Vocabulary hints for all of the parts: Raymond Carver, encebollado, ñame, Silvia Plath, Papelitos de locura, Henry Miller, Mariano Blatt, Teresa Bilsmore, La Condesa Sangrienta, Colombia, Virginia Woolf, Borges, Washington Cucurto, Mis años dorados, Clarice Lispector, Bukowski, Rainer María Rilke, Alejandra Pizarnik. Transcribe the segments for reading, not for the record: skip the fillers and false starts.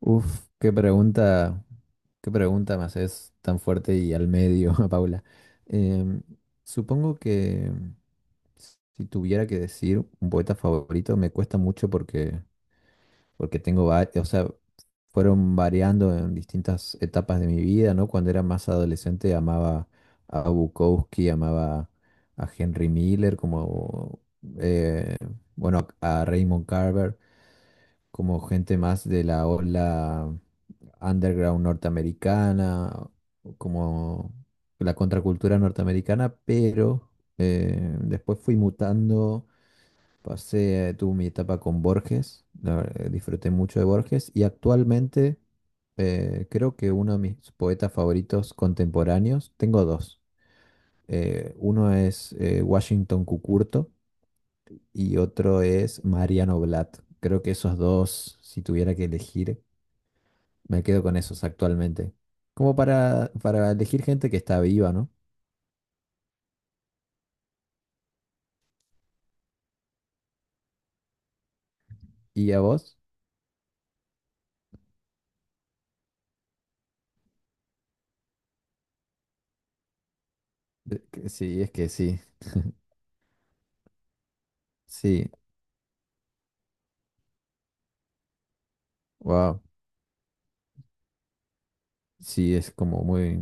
Uf, qué pregunta me haces tan fuerte y al medio, Paula. Em, Supongo que si tuviera que decir un poeta favorito, me cuesta mucho porque tengo varios, o sea, fueron variando en distintas etapas de mi vida, ¿no? Cuando era más adolescente amaba a Bukowski, amaba a Henry Miller, como, eh, bueno, a Raymond Carver, como gente más de la ola underground norteamericana, como la contracultura norteamericana. Pero después fui mutando, pasé, tuve mi etapa con Borges, disfruté mucho de Borges. Y actualmente creo que uno de mis poetas favoritos contemporáneos, tengo dos. Uno es Washington Cucurto y otro es Mariano Blatt. Creo que esos dos, si tuviera que elegir, me quedo con esos actualmente. Como para elegir gente que está viva, ¿no? ¿Y a vos? Que sí, es que sí. Sí, wow. Sí, es como muy...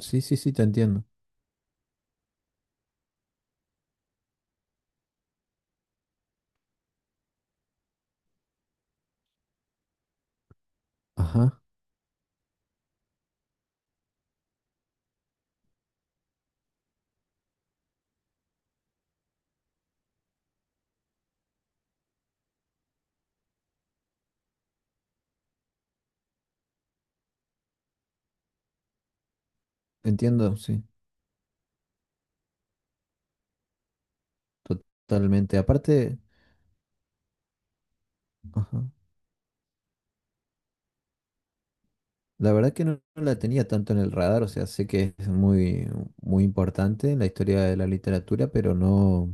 Sí, sí, sí, te entiendo. Ajá, entiendo, sí, totalmente. Aparte, ajá. La verdad que no, no la tenía tanto en el radar, o sea, sé que es muy, muy importante en la historia de la literatura, pero no...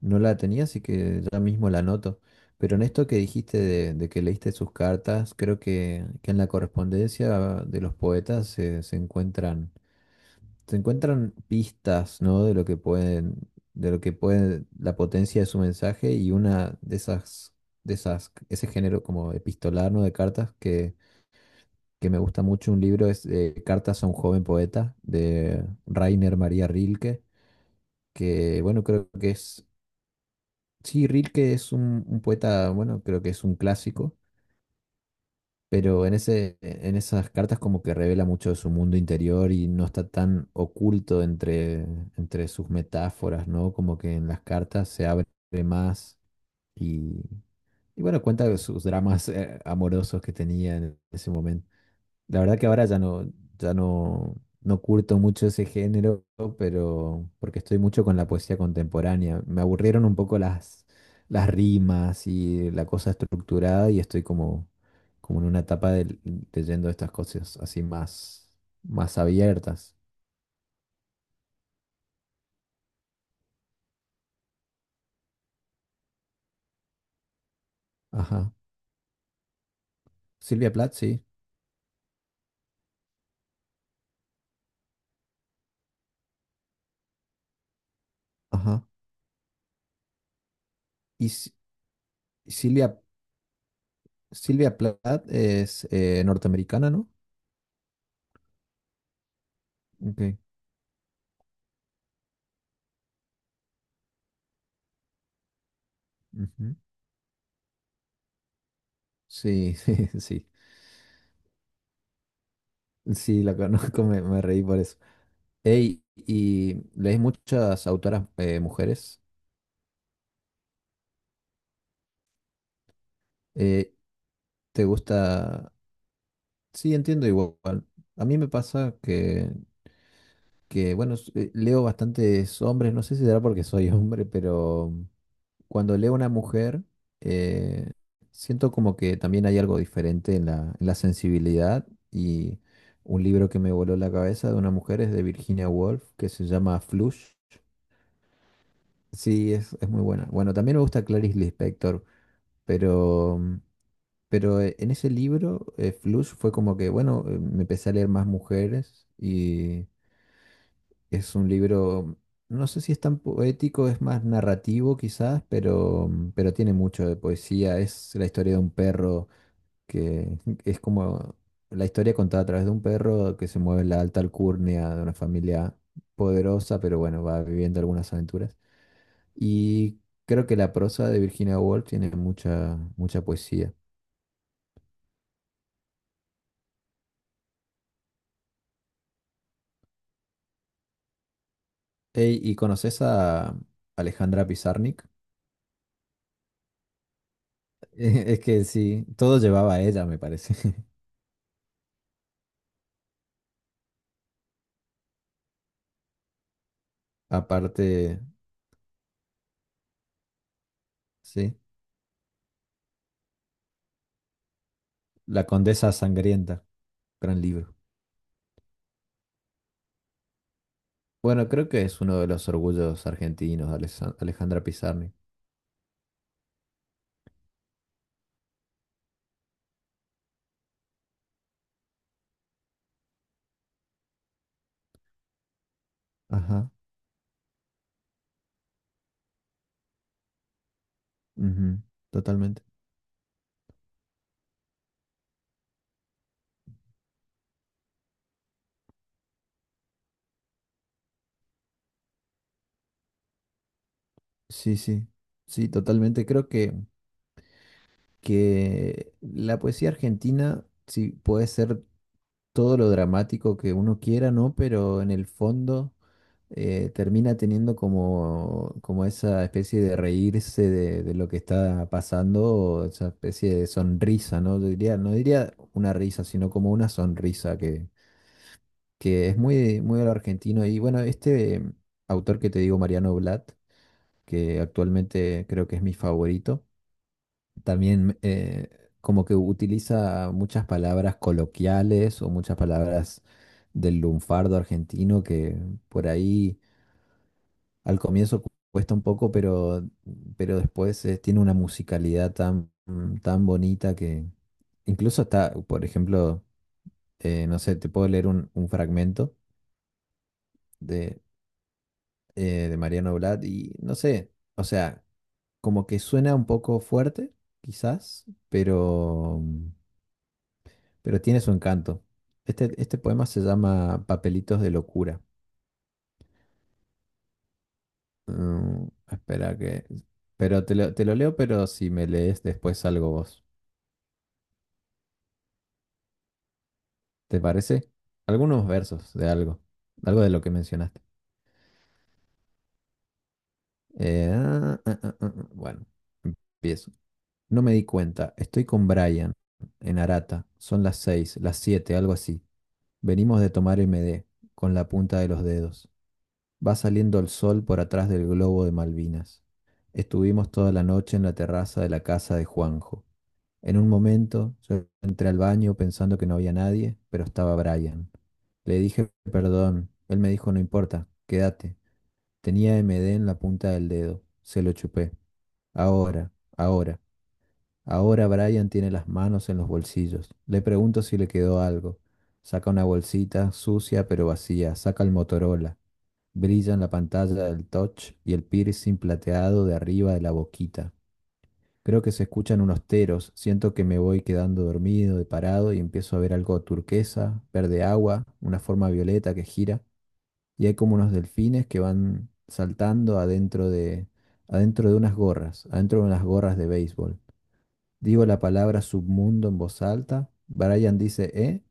No la tenía, así que ya mismo la anoto. Pero en esto que dijiste de que leíste sus cartas, creo que en la correspondencia de los poetas se encuentran pistas, ¿no? De lo que puede, la potencia de su mensaje. Y una de esas, ese género como epistolar, ¿no? De cartas que me gusta mucho, un libro es Cartas a un joven poeta de Rainer María Rilke, que bueno, creo que es... Sí, Rilke es un poeta, bueno, creo que es un clásico. Pero en en esas cartas como que revela mucho de su mundo interior y no está tan oculto entre sus metáforas, ¿no? Como que en las cartas se abre más y, y bueno, cuenta de sus dramas amorosos que tenía en ese momento. La verdad que ahora ya no, no curto mucho ese género, pero porque estoy mucho con la poesía contemporánea. Me aburrieron un poco las rimas y la cosa estructurada, y estoy como en una etapa de, leyendo estas cosas así más, más abiertas. Ajá. Silvia Plath, sí. Ajá. Y Si- Silvia, Silvia Plath es norteamericana, ¿no? Ok. Ujú. Sí, sí. Sí, la conozco, me reí por eso. Ey, y lees muchas autoras mujeres. Eh, ¿Te gusta? Sí, entiendo igual. A mí me pasa que bueno, leo bastantes hombres. No sé si será porque soy hombre, pero cuando leo una mujer, eh, siento como que también hay algo diferente en la sensibilidad. Y un libro que me voló la cabeza de una mujer es de Virginia Woolf, que se llama Flush. Sí, es muy buena. Bueno, también me gusta Clarice Lispector. Pero, pero en ese libro, Flush, fue como que, bueno, me empecé a leer más mujeres. Y es un libro, no sé si es tan poético, es más narrativo quizás, pero tiene mucho de poesía. Es la historia de un perro que es como la historia contada a través de un perro que se mueve en la alta alcurnia de una familia poderosa, pero bueno, va viviendo algunas aventuras. Y creo que la prosa de Virginia Woolf tiene mucha, mucha poesía. Ey, ¿y conoces a Alejandra Pizarnik? Es que sí, todo llevaba a ella, me parece. Aparte, sí, La Condesa Sangrienta, gran libro. Bueno, creo que es uno de los orgullos argentinos, Alejandra Pizarnik. Ajá, ujú, totalmente. Sí, sí, sí, totalmente. Creo que la poesía argentina sí puede ser todo lo dramático que uno quiera, ¿no? Pero en el fondo termina teniendo como, como esa especie de reírse de lo que está pasando, o esa especie de sonrisa, ¿no? Yo diría, no diría una risa, sino como una sonrisa que es muy, muy al argentino. Y bueno, este autor que te digo, Mariano Blatt, que actualmente creo que es mi favorito, también como que utiliza muchas palabras coloquiales o muchas palabras del lunfardo argentino que por ahí, al comienzo cuesta un poco, pero después tiene una musicalidad tan, tan bonita. Que incluso está, por ejemplo, no sé, te puedo leer un fragmento de, de Mariano Blatt, y no sé, o sea, como que suena un poco fuerte, quizás, pero tiene su encanto. Este poema se llama Papelitos de locura. Mm, Espera que... Pero te lo leo, pero si me lees después algo vos. ¿Te parece? Algunos versos de algo, algo de lo que mencionaste. Ah. Bueno, empiezo. No me di cuenta, estoy con Brian en Arata, son las seis, las siete, algo así. Venimos de tomar MD con la punta de los dedos. Va saliendo el sol por atrás del globo de Malvinas. Estuvimos toda la noche en la terraza de la casa de Juanjo. En un momento yo entré al baño pensando que no había nadie, pero estaba Brian. Le dije perdón. Él me dijo no importa, quédate. Tenía MD en la punta del dedo. Se lo chupé. Ahora, ahora, ahora Brian tiene las manos en los bolsillos. Le pregunto si le quedó algo. Saca una bolsita, sucia pero vacía. Saca el Motorola. Brilla en la pantalla del touch y el piercing plateado de arriba de la boquita. Creo que se escuchan unos teros, siento que me voy quedando dormido de parado y empiezo a ver algo turquesa, verde agua, una forma violeta que gira, y hay como unos delfines que van saltando adentro de unas gorras, adentro de unas gorras de béisbol. Digo la palabra submundo en voz alta, Brian dice, ¿eh?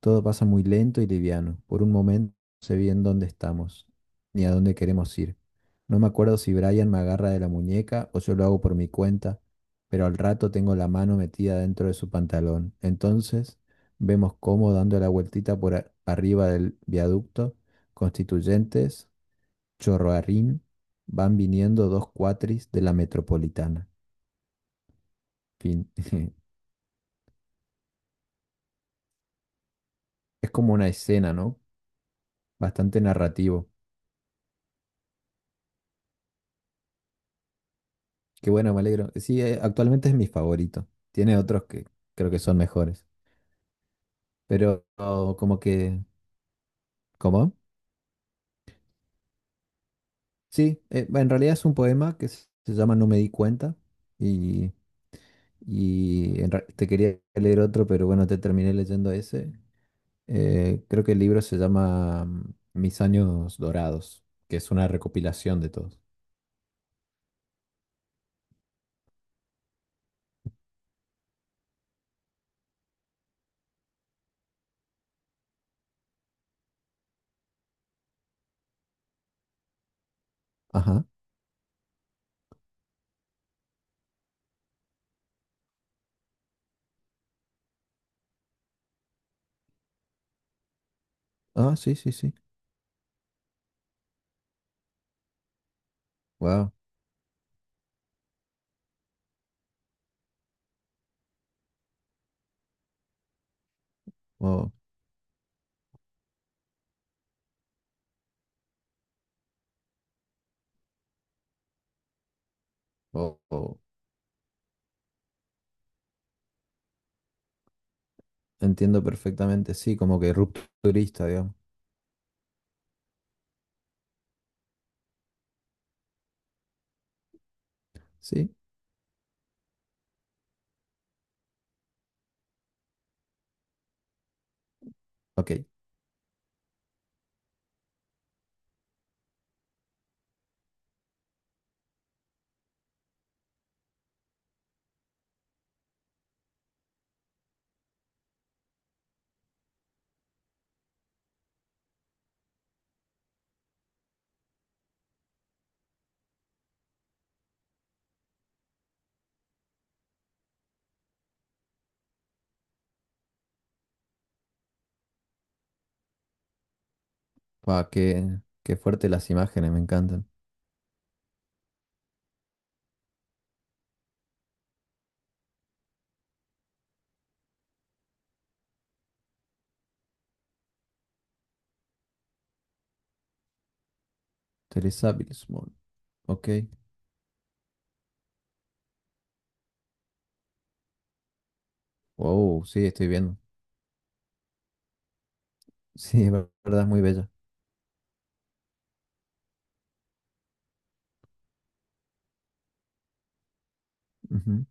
Todo pasa muy lento y liviano. Por un momento no sé bien dónde estamos, ni a dónde queremos ir. No me acuerdo si Brian me agarra de la muñeca o yo lo hago por mi cuenta, pero al rato tengo la mano metida dentro de su pantalón. Entonces vemos cómo, dando la vueltita por arriba del viaducto, Constituyentes, Chorroarrín, van viniendo dos cuatris de la metropolitana. Fin. Es como una escena, ¿no? Bastante narrativo. Qué bueno, me alegro. Sí, actualmente es mi favorito. Tiene otros que creo que son mejores. Pero oh, como que... ¿Cómo? Sí, en realidad es un poema que se llama No me di cuenta. Y, y te quería leer otro, pero bueno, te terminé leyendo ese. Creo que el libro se llama Mis años dorados, que es una recopilación de todos. Ajá. Ah, sí, sí, sí. Wow. Oh, oh, oh. Entiendo perfectamente. Sí, como que rupturista, digamos. Sí. Ok. Pa, qué fuerte las imágenes, me encantan. Teresa Bilsmore. Ok. Wow, sí, estoy viendo. Sí, es verdad, es muy bella. Ujú,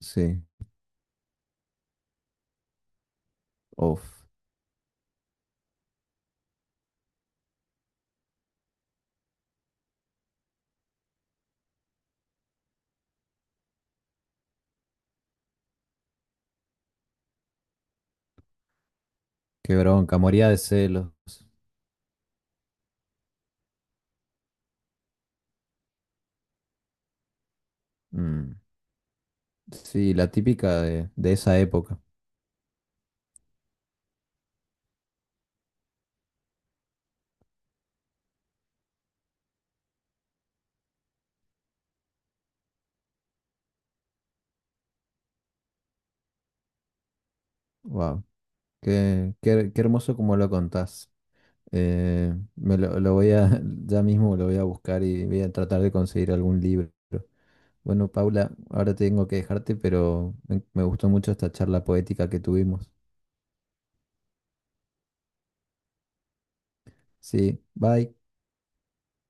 sí. Uf, qué bronca, moría de celos. Mm, sí, la típica de esa época. Wow, qué hermoso como lo contás. Me lo voy a, ya mismo lo voy a buscar y voy a tratar de conseguir algún libro. Bueno, Paula, ahora tengo que dejarte, pero me gustó mucho esta charla poética que tuvimos. Sí, bye.